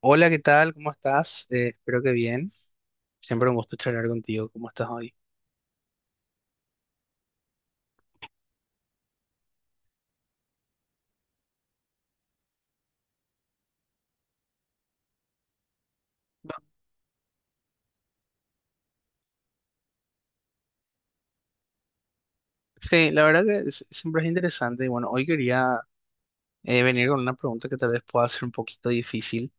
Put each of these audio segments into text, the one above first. Hola, ¿qué tal? ¿Cómo estás? Espero que bien. Siempre un gusto charlar contigo. ¿Cómo estás hoy? Sí, la verdad que siempre es interesante. Y bueno, hoy quería venir con una pregunta que tal vez pueda ser un poquito difícil,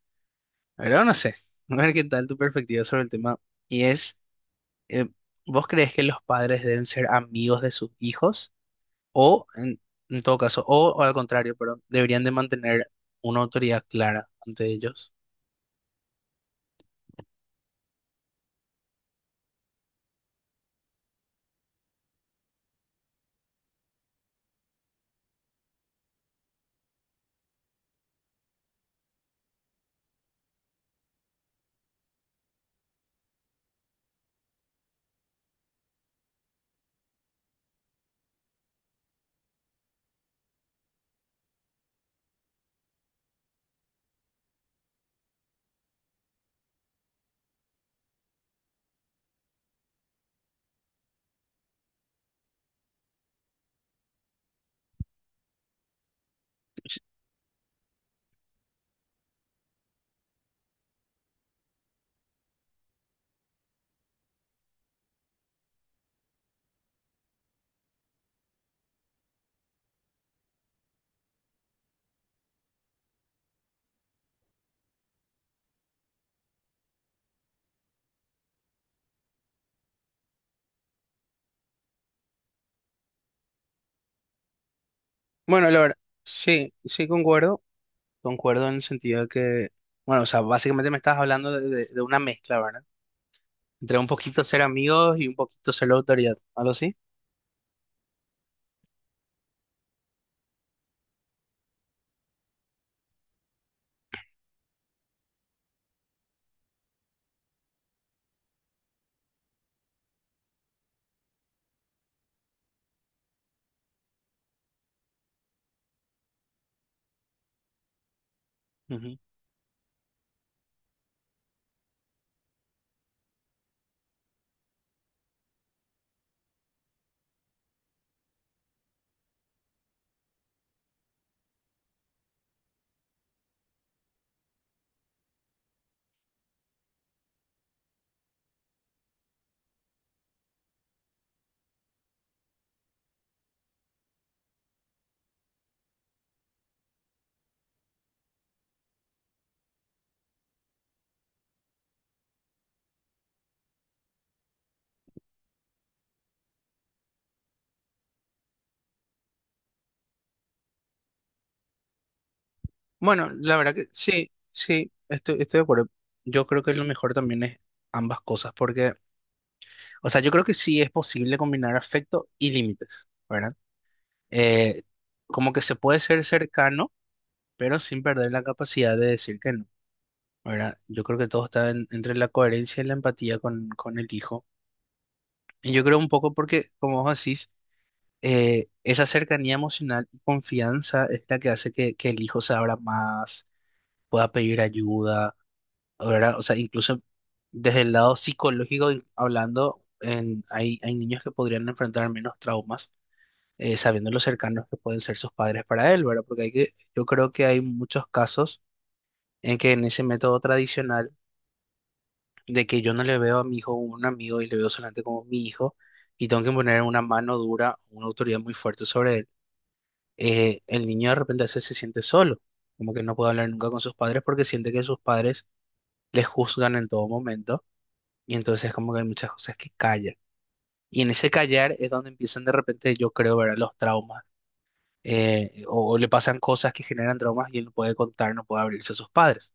pero no sé. A ver qué tal tu perspectiva sobre el tema. Y es, eh, ¿Vos crees que los padres deben ser amigos de sus hijos? O, en, en todo caso, o al contrario, pero deberían de mantener una autoridad clara ante ellos. Bueno, la verdad, sí, sí concuerdo. Concuerdo en el sentido de que, bueno, o sea, básicamente me estás hablando de una mezcla, ¿verdad? Entre un poquito ser amigos y un poquito ser la autoridad, algo así. Ujú. Bueno, la verdad que sí, sí, estoy de acuerdo. Yo creo que lo mejor también es ambas cosas, porque, o sea, yo creo que sí es posible combinar afecto y límites, ¿verdad? Eh, Como que se puede ser cercano, pero sin perder la capacidad de decir que no, ¿verdad? Yo creo que todo está entre la coherencia y la empatía con el hijo. Yo creo un poco porque, como vos decís, esa cercanía emocional y confianza es la que hace que el hijo se abra más, pueda pedir ayuda, ¿verdad? O sea, incluso desde el lado psicológico y hablando, hay niños que podrían enfrentar menos traumas sabiendo lo cercanos que pueden ser sus padres para él, ¿verdad? Porque yo creo que hay muchos casos en que en ese método tradicional de que yo no le veo a mi hijo como un amigo y le veo solamente como mi hijo y tengo que poner una mano dura, una autoridad muy fuerte sobre él. El niño de repente a veces se siente solo, como que no puede hablar nunca con sus padres porque siente que sus padres le juzgan en todo momento, y entonces como que hay muchas cosas que callan. Y en ese callar es donde empiezan de repente, yo creo, ver los traumas. O le pasan cosas que generan traumas y él no puede contar, no puede abrirse a sus padres.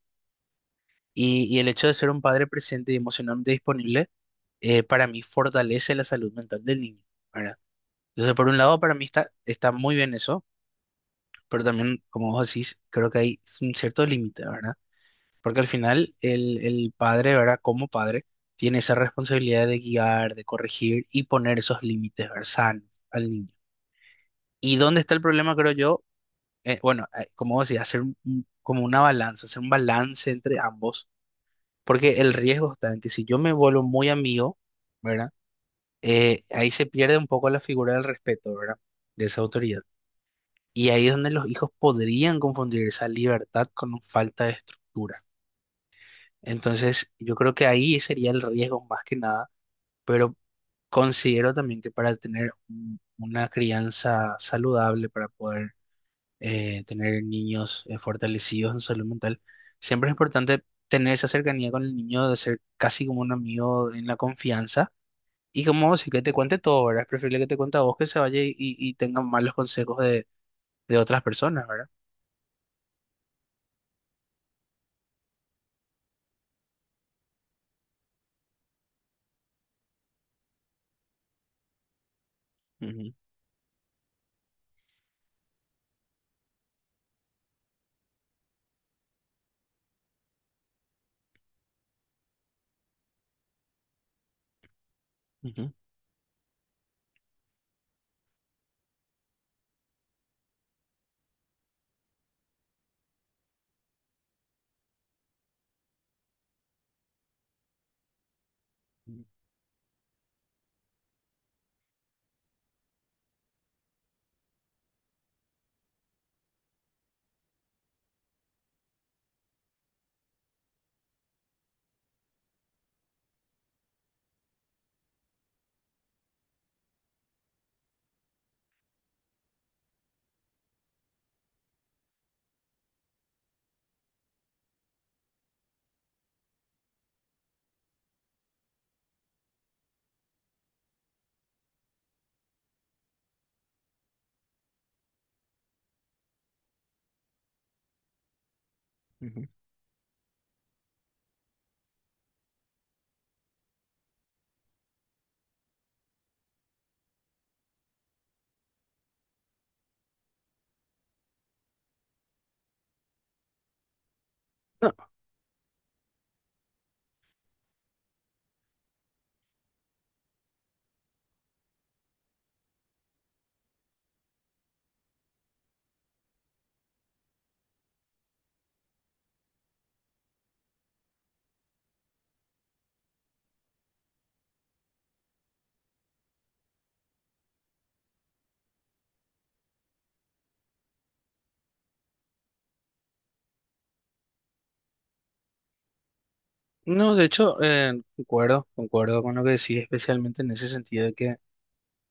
Y el hecho de ser un padre presente y emocionalmente disponible, para mí fortalece la salud mental del niño, ¿verdad? Entonces, por un lado, para mí está muy bien eso, pero también, como vos decís, creo que hay un cierto límite, ¿verdad? Porque al final el padre, ¿verdad? Como padre, tiene esa responsabilidad de guiar, de corregir y poner esos límites, ¿verdad? Sanos al niño. ¿Y dónde está el problema, creo yo? Bueno, como vos decís, hacer como una balanza, hacer un balance entre ambos, porque el riesgo está en que si yo me vuelvo muy amigo, ¿verdad? Ahí se pierde un poco la figura del respeto, ¿verdad? De esa autoridad. Y ahí es donde los hijos podrían confundir esa libertad con un falta de estructura. Entonces, yo creo que ahí sería el riesgo más que nada, pero considero también que para tener una crianza saludable, para poder tener niños fortalecidos en salud mental, siempre es importante tener esa cercanía con el niño, de ser casi como un amigo en la confianza. Y como sí que te cuente todo, ¿verdad? Es preferible que te cuente a vos que se vaya y, tenga malos consejos de otras personas, ¿verdad? Ujú, ujú, ujú, ujú. No, no, de hecho, concuerdo, concuerdo con lo que decís, especialmente en ese sentido de que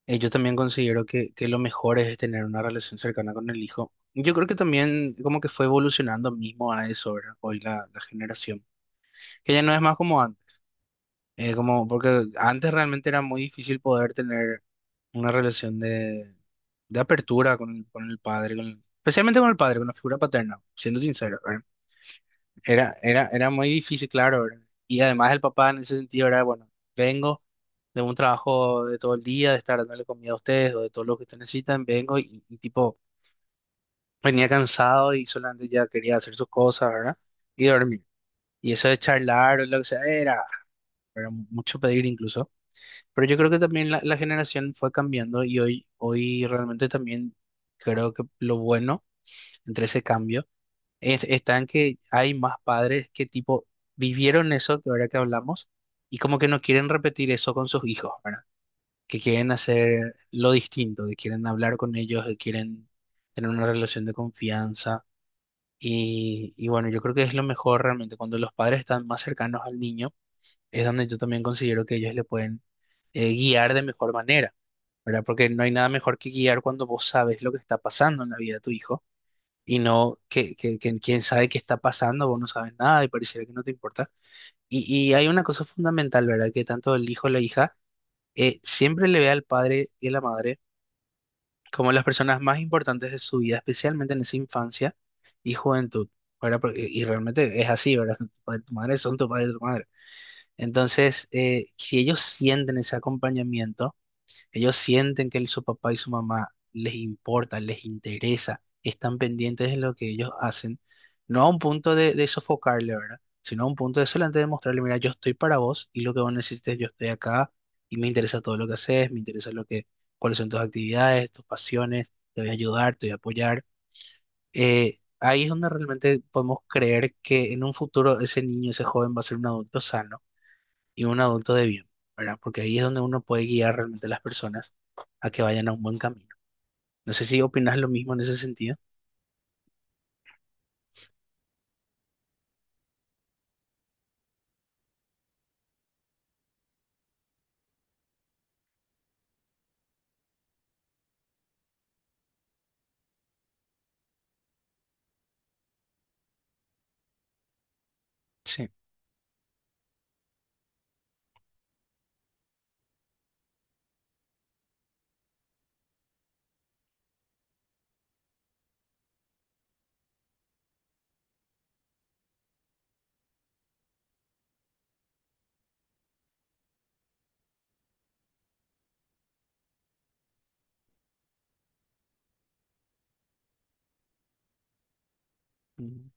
yo también considero que lo mejor es tener una relación cercana con el hijo. Yo creo que también como que fue evolucionando mismo a eso, ¿verdad? Hoy la generación, que ya no es más como antes, como porque antes realmente era muy difícil poder tener una relación de apertura con el padre, especialmente con el padre, con la figura paterna, siendo sincero, ¿verdad? Era muy difícil, claro, ¿verdad? Y además el papá en ese sentido era, bueno, vengo de un trabajo de todo el día, de estar dándole comida a ustedes o de todo lo que ustedes necesitan, vengo y tipo, venía cansado y solamente ya quería hacer sus cosas, ¿verdad? Y dormir. Y eso de charlar o lo que sea, era mucho pedir incluso. Pero yo creo que también la generación fue cambiando y hoy realmente también creo que lo bueno entre ese cambio está en que hay más padres que tipo vivieron eso que ahora que hablamos y como que no quieren repetir eso con sus hijos, ¿verdad? Que quieren hacer lo distinto, que quieren hablar con ellos, que quieren tener una relación de confianza. Y bueno, yo creo que es lo mejor realmente cuando los padres están más cercanos al niño es donde yo también considero que ellos le pueden guiar de mejor manera, ¿verdad? Porque no hay nada mejor que guiar cuando vos sabes lo que está pasando en la vida de tu hijo y no que quién sabe qué está pasando, vos no sabes nada y pareciera que no te importa. Y, y hay una cosa fundamental, ¿verdad? Que tanto el hijo o la hija siempre le ve al padre y a la madre como las personas más importantes de su vida, especialmente en esa infancia y juventud, ¿verdad? Y realmente es así, ¿verdad? Tu padre y tu madre son tu padre y tu madre. Entonces, si ellos sienten ese acompañamiento, ellos sienten que su papá y su mamá les importa, les interesa, están pendientes de lo que ellos hacen, no a un punto de sofocarle, ¿verdad? Sino a un punto de solamente demostrarle, mira, yo estoy para vos y lo que vos necesites, yo estoy acá y me interesa todo lo que haces, me interesa lo que, cuáles son tus actividades, tus pasiones, te voy a ayudar, te voy a apoyar. Ahí es donde realmente podemos creer que en un futuro ese niño, ese joven va a ser un adulto sano y un adulto de bien, ¿verdad? Porque ahí es donde uno puede guiar realmente a las personas a que vayan a un buen camino. No sé si opinas lo mismo en ese sentido. Sí. Mm.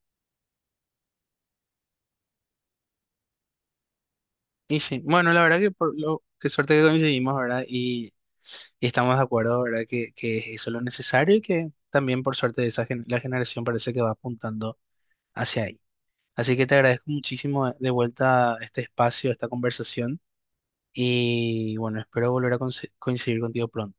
Y sí, bueno, la verdad que por lo qué suerte que coincidimos, ¿verdad? Y estamos de acuerdo, ¿verdad? Que es eso lo necesario y que también por suerte esa la generación parece que va apuntando hacia ahí. Así que te agradezco muchísimo de vuelta este espacio, esta conversación y bueno, espero volver a coincidir contigo pronto.